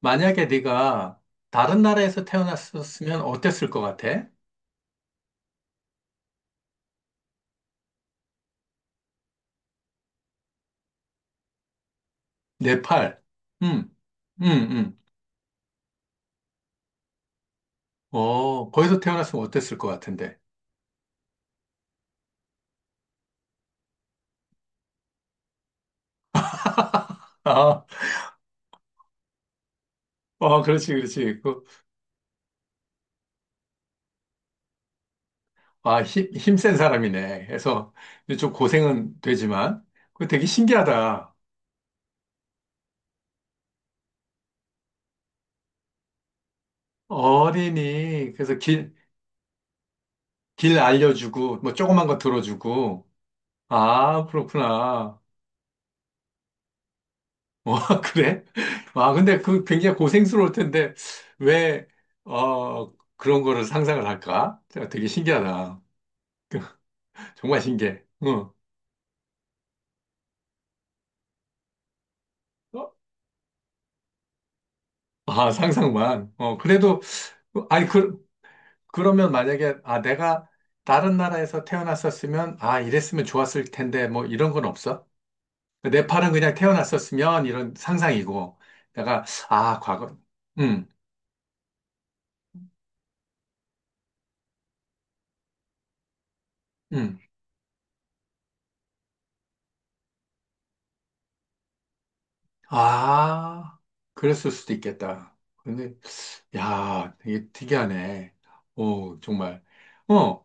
만약에 네가 다른 나라에서 태어났었으면 어땠을 것 같아? 네팔. 응 응 응 어, 거기서 태어났으면 어땠을 것 같은데. 아, 어, 그렇지, 그렇지. 그, 아, 힘센 사람이네. 그래서 좀 고생은 되지만, 그 되게 신기하다. 어린이, 그래서 길, 길 알려주고, 뭐 조그만 거 들어주고. 아, 그렇구나. 와, 그래? 와, 근데 그 굉장히 고생스러울 텐데, 왜, 어, 그런 거를 상상을 할까? 제가 되게 신기하다. 정말 신기해. 응. 어? 아, 상상만. 어, 그래도, 아니, 그, 그러면 만약에, 아, 내가 다른 나라에서 태어났었으면, 아, 이랬으면 좋았을 텐데, 뭐, 이런 건 없어? 네팔은 그냥 태어났었으면, 이런 상상이고, 내가, 아, 과거, 응, 응. 아, 그랬을 수도 있겠다. 근데 야, 되게 특이하네. 오, 정말. 어,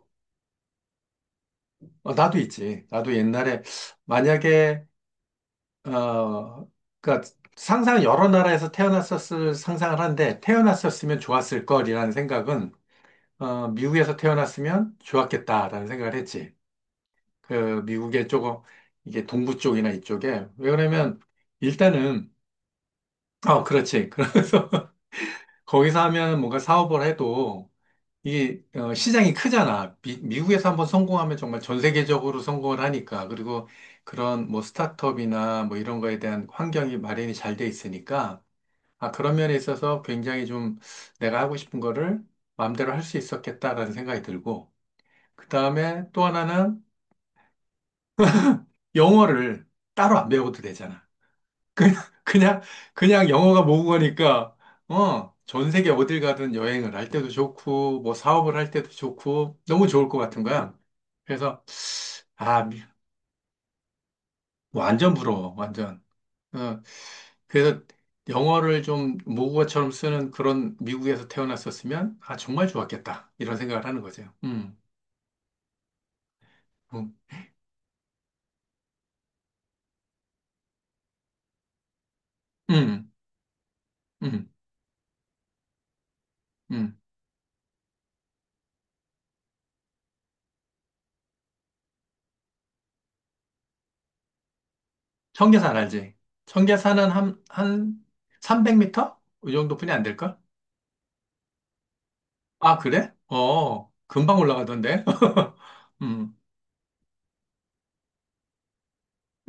어, 나도 있지. 나도 옛날에, 만약에, 어, 그니까 상상 여러 나라에서 태어났었을 상상을 한데, 태어났었으면 좋았을 걸이라는 생각은, 어, 미국에서 태어났으면 좋았겠다라는 생각을 했지. 그, 미국의 조금, 이게 동부 쪽이나 이쪽에. 왜 그러냐면, 일단은, 어, 그렇지. 그래서, 거기서 하면 뭔가 사업을 해도, 이게 어, 시장이 크잖아. 미국에서 한번 성공하면 정말 전 세계적으로 성공을 하니까. 그리고 그런 뭐 스타트업이나 뭐 이런 거에 대한 환경이 마련이 잘 돼 있으니까. 아, 그런 면에 있어서 굉장히 좀 내가 하고 싶은 거를 마음대로 할 수 있었겠다라는 생각이 들고. 그 다음에 또 하나는 영어를 따로 안 배워도 되잖아. 그냥, 그냥, 그냥 영어가 모국어니까, 어, 전 세계 어딜 가든 여행을 할 때도 좋고, 뭐 사업을 할 때도 좋고, 너무 좋을 것 같은 거야. 그래서, 아, 미- 완전 부러워, 완전. 어, 그래서 영어를 좀 모국어처럼 쓰는 그런 미국에서 태어났었으면, 아, 정말 좋았겠다. 이런 생각을 하는 거죠. 음, 음, 음. 음. 청계산 알지? 청계산은 한 300m? 이 정도뿐이 안 될걸? 아, 그래? 어, 금방 올라가던데. 음,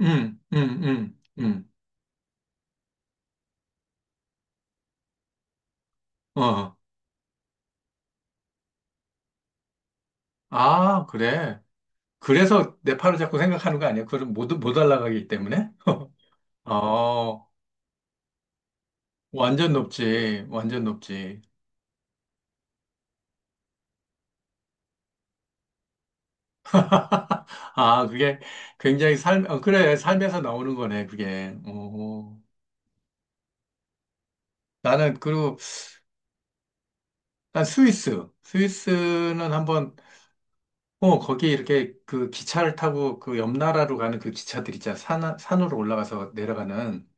음, 음, 음, 음, 어. 아, 그래. 그래서 네팔을 자꾸 생각하는 거 아니야? 그럼 못 올라가기 때문에? 어, 완전 높지. 완전 높지. 아, 그게 굉장히 삶, 어, 그래. 삶에서 나오는 거네, 그게. 어, 나는, 그리고, 난 스위스. 스위스는 한번 어, 거기 이렇게 그 기차를 타고 그 옆 나라로 가는 그 기차들 있잖아. 산, 산으로 올라가서 내려가는.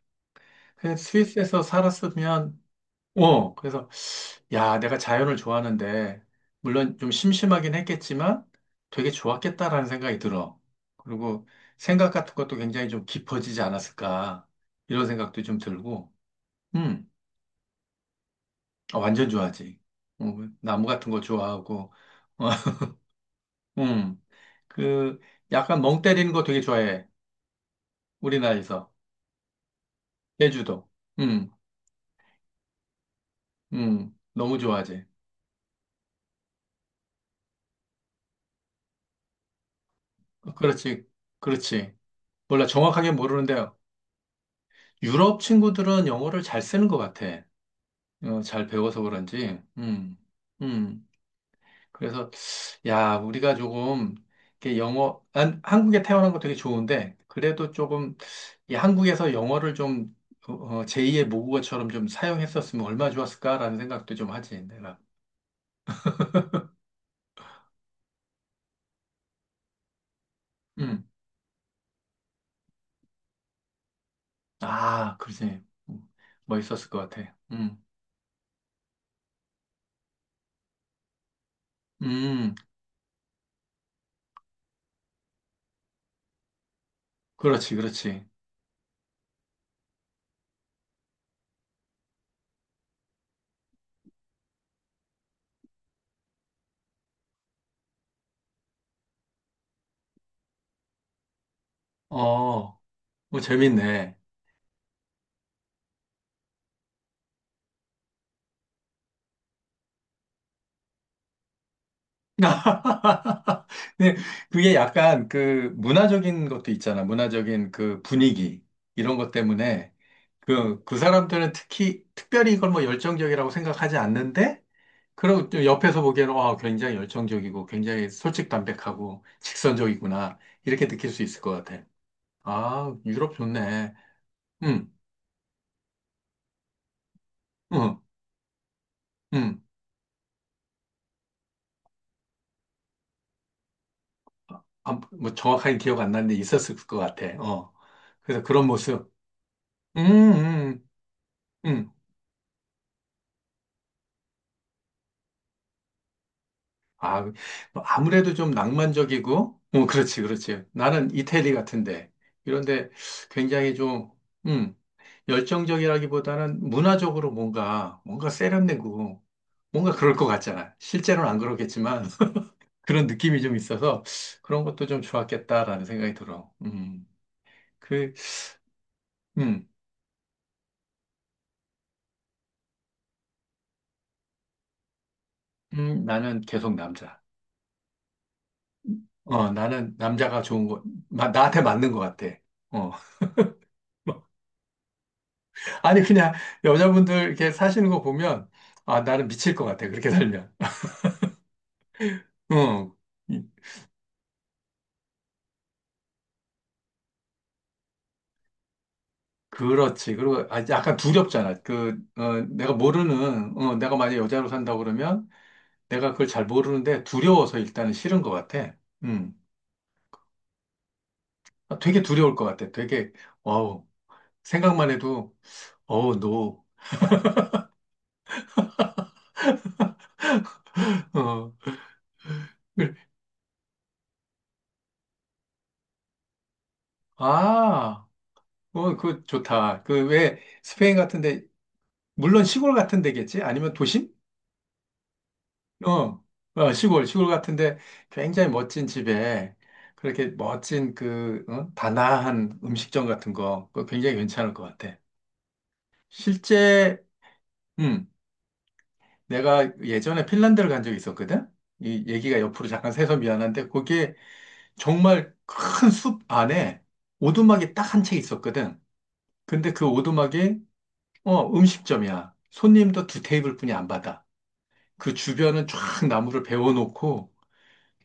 그냥 스위스에서 살았으면, 어, 그래서, 야, 내가 자연을 좋아하는데, 물론 좀 심심하긴 했겠지만, 되게 좋았겠다라는 생각이 들어. 그리고 생각 같은 것도 굉장히 좀 깊어지지 않았을까. 이런 생각도 좀 들고, 음, 아, 완전 좋아하지. 어, 나무 같은 거 좋아하고, 음, 그, 약간 멍 때리는 거 되게 좋아해. 우리나라에서. 제주도. 음, 너무 좋아하지. 그렇지, 그렇지. 몰라, 정확하게 모르는데, 유럽 친구들은 영어를 잘 쓰는 것 같아. 어, 잘 배워서 그런지. 음. 그래서, 야, 우리가 조금, 이렇게 영어, 난 한국에 태어난 거 되게 좋은데, 그래도 조금, 이 한국에서 영어를 좀, 어, 어, 제2의 모국어처럼 좀 사용했었으면 얼마나 좋았을까라는 생각도 좀 하지, 내가. 음, 아, 그러지. 음, 멋있었을 것 같아. 음. 음, 그렇지, 그렇지. 어, 뭐 재밌네. 근데 그게 약간 그 문화적인 것도 있잖아. 문화적인 그 분위기 이런 것 때문에 그, 그 사람들은 특히 특별히 이걸 뭐 열정적이라고 생각하지 않는데 그리고 또 옆에서 보기에는 와, 굉장히 열정적이고 굉장히 솔직담백하고 직선적이구나 이렇게 느낄 수 있을 것 같아. 아, 유럽 좋네. 음, 음, 음. 아, 뭐 정확하게 기억 안 나는데 있었을 것 같아. 어. 그래서 그런 모습. 음, 음, 음. 아, 뭐 아무래도 좀 낭만적이고, 어, 그렇지, 그렇지. 나는 이태리 같은데. 이런데 굉장히 좀, 음, 열정적이라기보다는 문화적으로 뭔가, 뭔가 세련되고, 뭔가 그럴 것 같잖아. 실제로는 안 그렇겠지만, 그런 느낌이 좀 있어서, 그런 것도 좀 좋았겠다라는 생각이 들어. 그, 음, 나는 계속 남자. 어, 나는 남자가 좋은 거, 나한테 맞는 것 같아. 어. 아니, 그냥 여자분들 이렇게 사시는 거 보면, 아, 나는 미칠 것 같아. 그렇게 살면. 어, 이- 그렇지. 그리고 아, 약간 두렵잖아. 그, 어, 내가 모르는, 어, 내가 만약에 여자로 산다고 그러면 내가 그걸 잘 모르는데 두려워서 일단은 싫은 것 같아. 음. 아, 되게 두려울 것 같아. 되게, 어우, 생각만 해도, 어우, 노. 어, 그, 아, 어, 그 좋다. 그 왜 스페인 같은데 물론 시골 같은 데겠지? 아니면 도심? 어, 어, 시골 같은데 굉장히 멋진 집에 그렇게 멋진 그, 어? 다나한 음식점 같은 거, 그거 굉장히 괜찮을 것 같아. 실제, 음, 내가 예전에 핀란드를 간 적이 있었거든? 이 얘기가 옆으로 잠깐 새서 미안한데, 거기에 정말 큰 숲 안에 오두막이 딱 한 채 있었거든. 근데 그 오두막이, 어, 음식점이야. 손님도 두 테이블뿐이 안 받아. 그 주변은 쫙 나무를 베워놓고,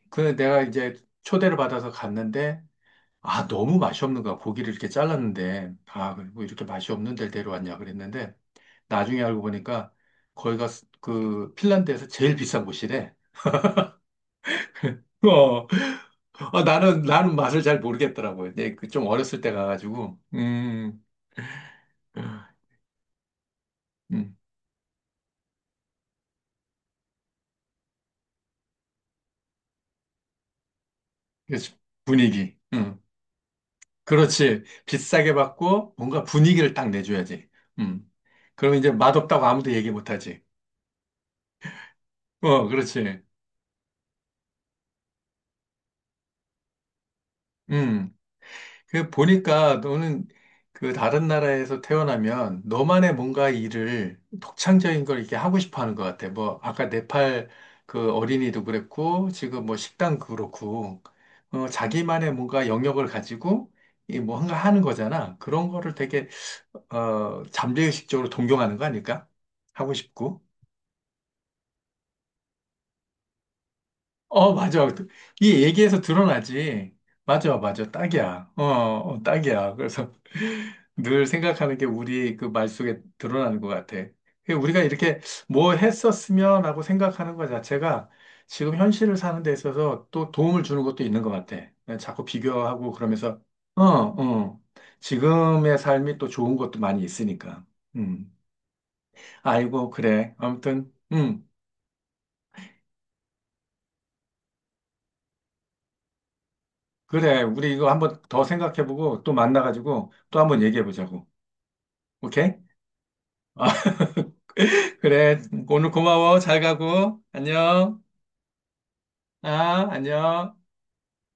그 내가 이제 초대를 받아서 갔는데, 아, 너무 맛이 없는 거야. 고기를 이렇게 잘랐는데, 아, 뭐 이렇게 맛이 없는 데를 데려왔냐 그랬는데, 나중에 알고 보니까 거기가 그 핀란드에서 제일 비싼 곳이래. 어. 아, 나는, 나는 맛을 잘 모르겠더라고요. 내 그 좀 어렸을 때 가가지고, 음, 그래서 분위기, 그렇지. 비싸게 받고 뭔가 분위기를 딱 내줘야지. 음, 그러면 이제 맛없다고 아무도 얘기 못하지. 어, 그렇지. 음, 그 보니까 너는 그 다른 나라에서 태어나면 너만의 뭔가 일을 독창적인 걸 이렇게 하고 싶어 하는 것 같아. 뭐 아까 네팔 그 어린이도 그랬고 지금 뭐 식당 그렇고 어, 자기만의 뭔가 영역을 가지고 이 뭔가 하는 거잖아. 그런 거를 되게 어 잠재의식적으로 동경하는 거 아닐까? 하고 싶고. 어, 맞아. 그, 이 얘기에서 드러나지. 맞아, 맞아. 딱이야. 어, 어, 딱이야. 그래서 늘 생각하는 게 우리 그 말 속에 드러나는 것 같아. 그 우리가 이렇게 뭐 했었으면 하고 생각하는 것 자체가 지금 현실을 사는 데 있어서 또 도움을 주는 것도 있는 것 같아. 자꾸 비교하고 그러면서, 어, 어. 지금의 삶이 또 좋은 것도 많이 있으니까. 음. 아이고, 그래. 아무튼, 그래, 우리 이거 한번 더 생각해보고 또 만나가지고 또 한번 얘기해보자고. 오케이? 아, 그래. 오늘 고마워. 잘 가고. 안녕. 아, 안녕.